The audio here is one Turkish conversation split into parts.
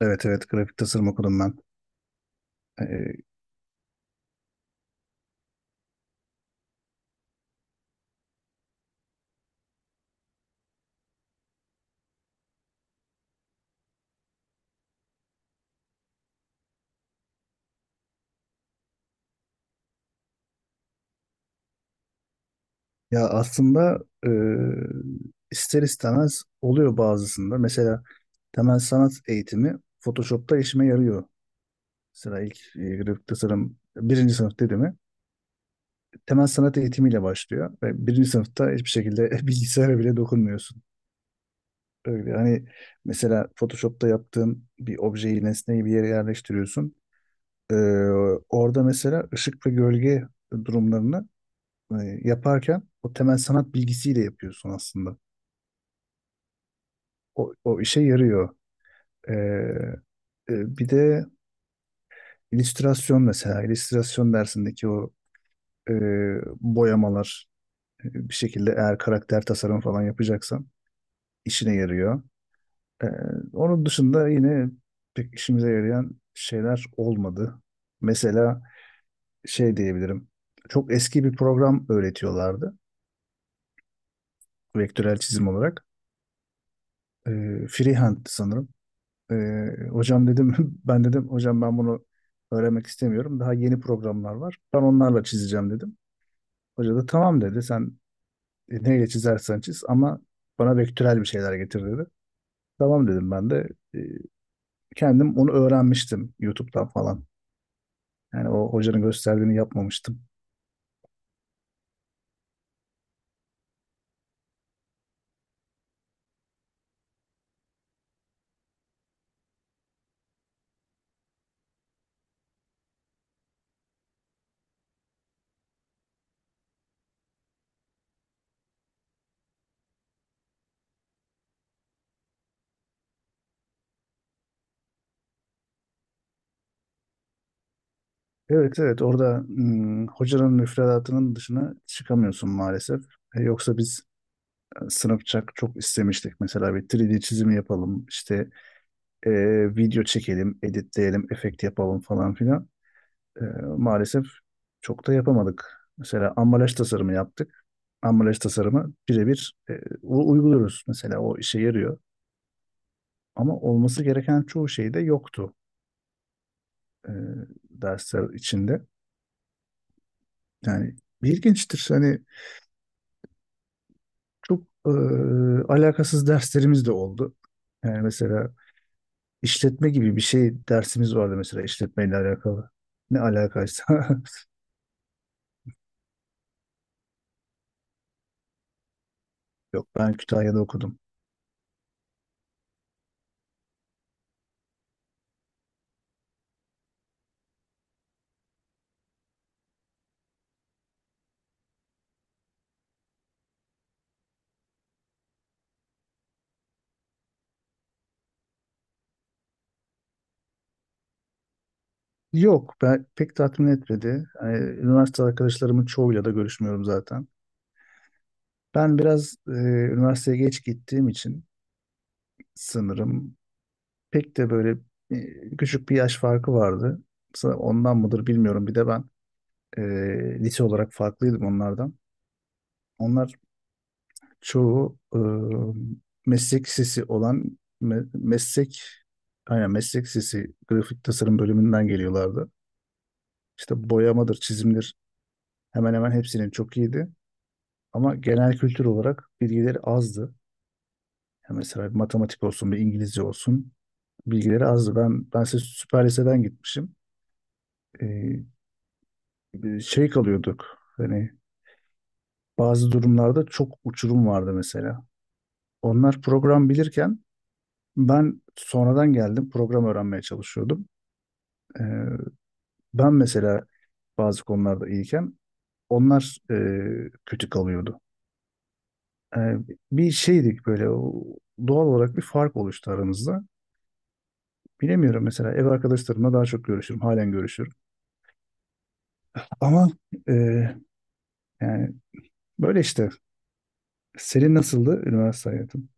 Evet, evet, grafik tasarım okudum ben. Ee, ya aslında, e, ister istemez oluyor bazısında. Mesela temel sanat eğitimi Photoshop'ta işime yarıyor. Mesela ilk grafik tasarım birinci sınıf dediğimi temel sanat eğitimiyle başlıyor. Ve birinci sınıfta hiçbir şekilde bilgisayara bile dokunmuyorsun. Öyle hani mesela Photoshop'ta yaptığın bir objeyi, nesneyi bir yere yerleştiriyorsun. Ee, orada mesela ışık ve gölge durumlarını e, yaparken o temel sanat bilgisiyle yapıyorsun aslında. O işe yarıyor. Ee, bir de illüstrasyon mesela. İllüstrasyon dersindeki o e, boyamalar bir şekilde eğer karakter tasarımı falan yapacaksan işine yarıyor. Ee, onun dışında yine pek işimize yarayan şeyler olmadı. Mesela şey diyebilirim. Çok eski bir program öğretiyorlardı. Vektörel çizim olarak. Freehand sanırım. Hocam dedim ben dedim hocam ben bunu öğrenmek istemiyorum. Daha yeni programlar var. Ben onlarla çizeceğim dedim. Hoca da tamam dedi. Sen neyle çizersen çiz ama bana vektörel bir şeyler getir dedi. Tamam dedim ben de. Ee, kendim onu öğrenmiştim YouTube'dan falan. Yani o hocanın gösterdiğini yapmamıştım. Evet, evet, orada hocanın müfredatının dışına çıkamıyorsun maalesef. E, yoksa biz sınıfça çok istemiştik, mesela bir 3D çizimi yapalım işte, e, video çekelim, editleyelim, efekt yapalım falan filan. E, maalesef çok da yapamadık. Mesela ambalaj tasarımı yaptık. Ambalaj tasarımı birebir uyguluyoruz. Mesela o işe yarıyor. Ama olması gereken çoğu şey de yoktu e, dersler içinde. Yani ilginçtir. Hani çok alakasız derslerimiz de oldu. Yani mesela işletme gibi bir şey dersimiz vardı, mesela işletmeyle alakalı. Ne alakaysa. Yok, ben Kütahya'da okudum. Yok, ben pek tatmin etmedi. Yani, üniversite arkadaşlarımın çoğuyla da görüşmüyorum zaten. Ben biraz üniversiteye geç gittiğim için sanırım. Pek de böyle küçük bir yaş farkı vardı. Ondan mıdır bilmiyorum. Bir de ben e, lise olarak farklıydım onlardan. Onlar çoğu meslek lisesi olan meslek, aynen, meslek lisesi grafik tasarım bölümünden geliyorlardı. İşte boyamadır, çizimdir, hemen hemen hepsinin çok iyiydi. Ama genel kültür olarak bilgileri azdı. Ya mesela bir matematik olsun, bir İngilizce olsun, bilgileri azdı. Ben size süper liseden gitmişim. Ee, şey kalıyorduk. Hani bazı durumlarda çok uçurum vardı mesela. Onlar program bilirken ben sonradan geldim, program öğrenmeye çalışıyordum. Ee, ben mesela bazı konularda iyiyken onlar kötü kalıyordu. Ee, bir şeydik böyle, doğal olarak bir fark oluştu aramızda. Bilemiyorum, mesela ev arkadaşlarımla daha çok görüşürüm. Halen görüşürüm. Ama e, yani böyle işte. Senin nasıldı üniversite hayatın?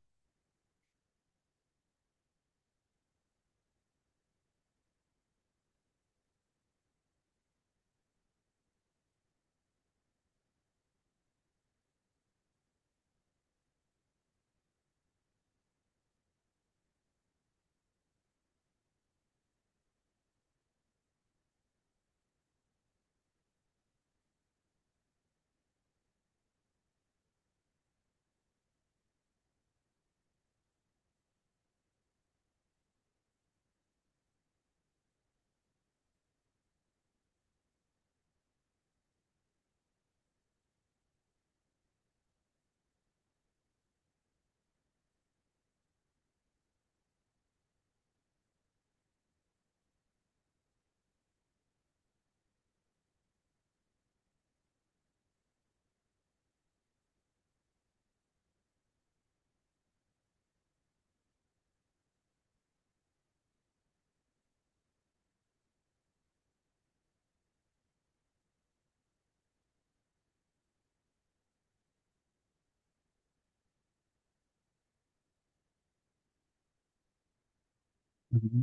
Hı hı.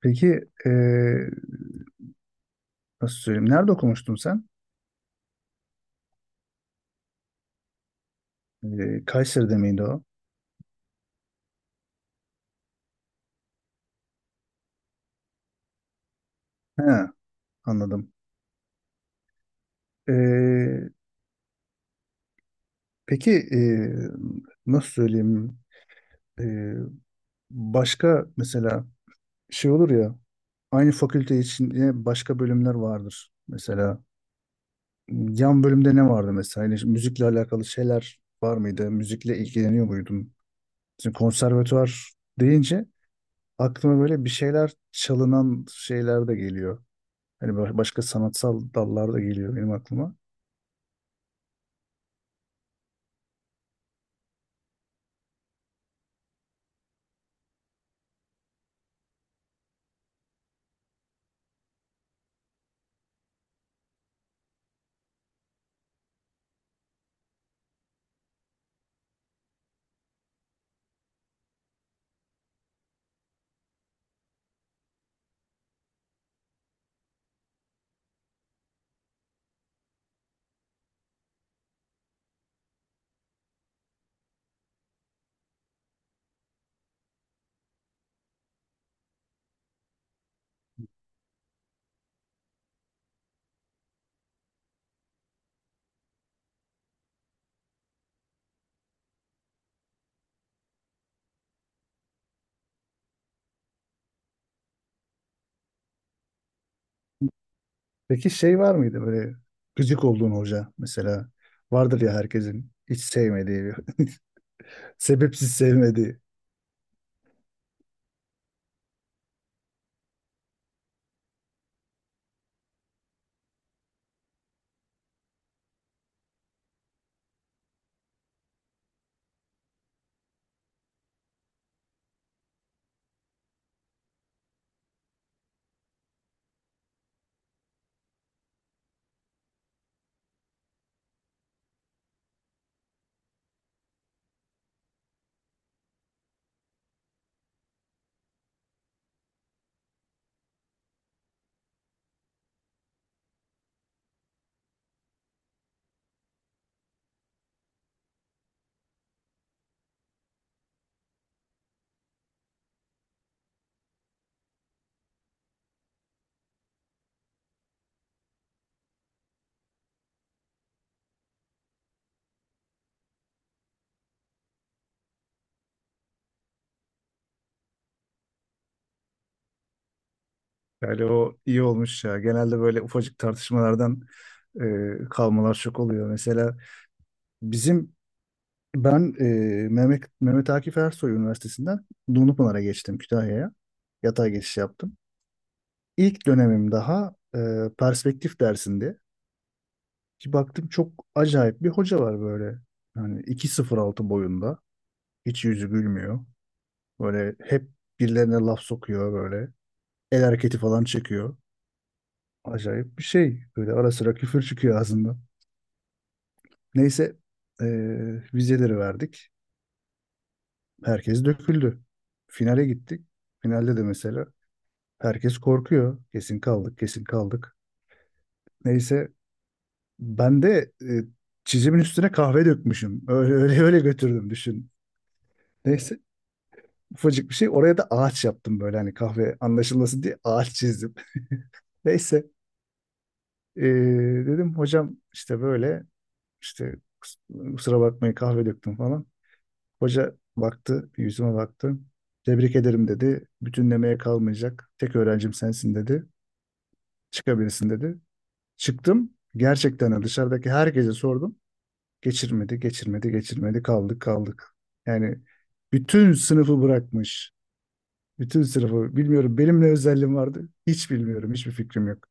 Peki, nasıl söyleyeyim? Nerede okumuştun sen? E, Kayseri'de miydi o? He, anladım. E, peki, nasıl söyleyeyim? E, başka mesela şey olur ya, aynı fakülte için yine başka bölümler vardır. Mesela yan bölümde ne vardı mesela? Yani müzikle alakalı şeyler var mıydı? Müzikle ilgileniyor muydun? Şimdi konservatuvar deyince aklıma böyle bir şeyler çalınan şeyler de geliyor. Hani başka sanatsal dallar da geliyor benim aklıma. Peki şey var mıydı, böyle gıcık olduğun hoca mesela? Vardır ya, herkesin hiç sevmediği bir sebepsiz sevmediği. Yani o iyi olmuş ya. Genelde böyle ufacık tartışmalardan e, kalmalar çok oluyor. Mesela bizim, ben Mehmet Akif Ersoy Üniversitesi'nden Dumlupınar'a geçtim, Kütahya'ya. Yatay geçiş yaptım. İlk dönemim, daha perspektif dersinde. Ki baktım, çok acayip bir hoca var böyle. Yani 2.06 boyunda. Hiç yüzü gülmüyor. Böyle hep birilerine laf sokuyor böyle. El hareketi falan çekiyor. Acayip bir şey. Böyle ara sıra küfür çıkıyor ağzından. Neyse, vizeleri verdik. Herkes döküldü. Finale gittik. Finalde de mesela herkes korkuyor. Kesin kaldık, kesin kaldık. Neyse, ben de çizimin üstüne kahve dökmüşüm. Öyle öyle öyle götürdüm, düşün. Neyse, ufacık bir şey. Oraya da ağaç yaptım, böyle hani kahve anlaşılması diye ağaç çizdim. Neyse, ee, dedim hocam işte böyle, işte, kus- kusura bakmayın, kahve döktüm falan. Hoca baktı, bir yüzüme baktı. Tebrik ederim dedi. Bütünlemeye kalmayacak. Tek öğrencim sensin dedi. Çıkabilirsin dedi. Çıktım. Gerçekten dışarıdaki herkese sordum. Geçirmedi, geçirmedi, geçirmedi. Kaldık, kaldık. Yani bütün sınıfı bırakmış. Bütün sınıfı bilmiyorum. Benim ne özelliğim vardı? Hiç bilmiyorum. Hiçbir fikrim yok.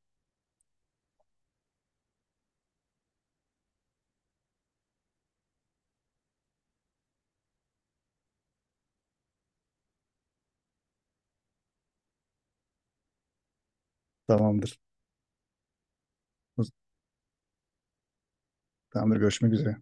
Tamamdır. Tamamdır. Görüşmek üzere.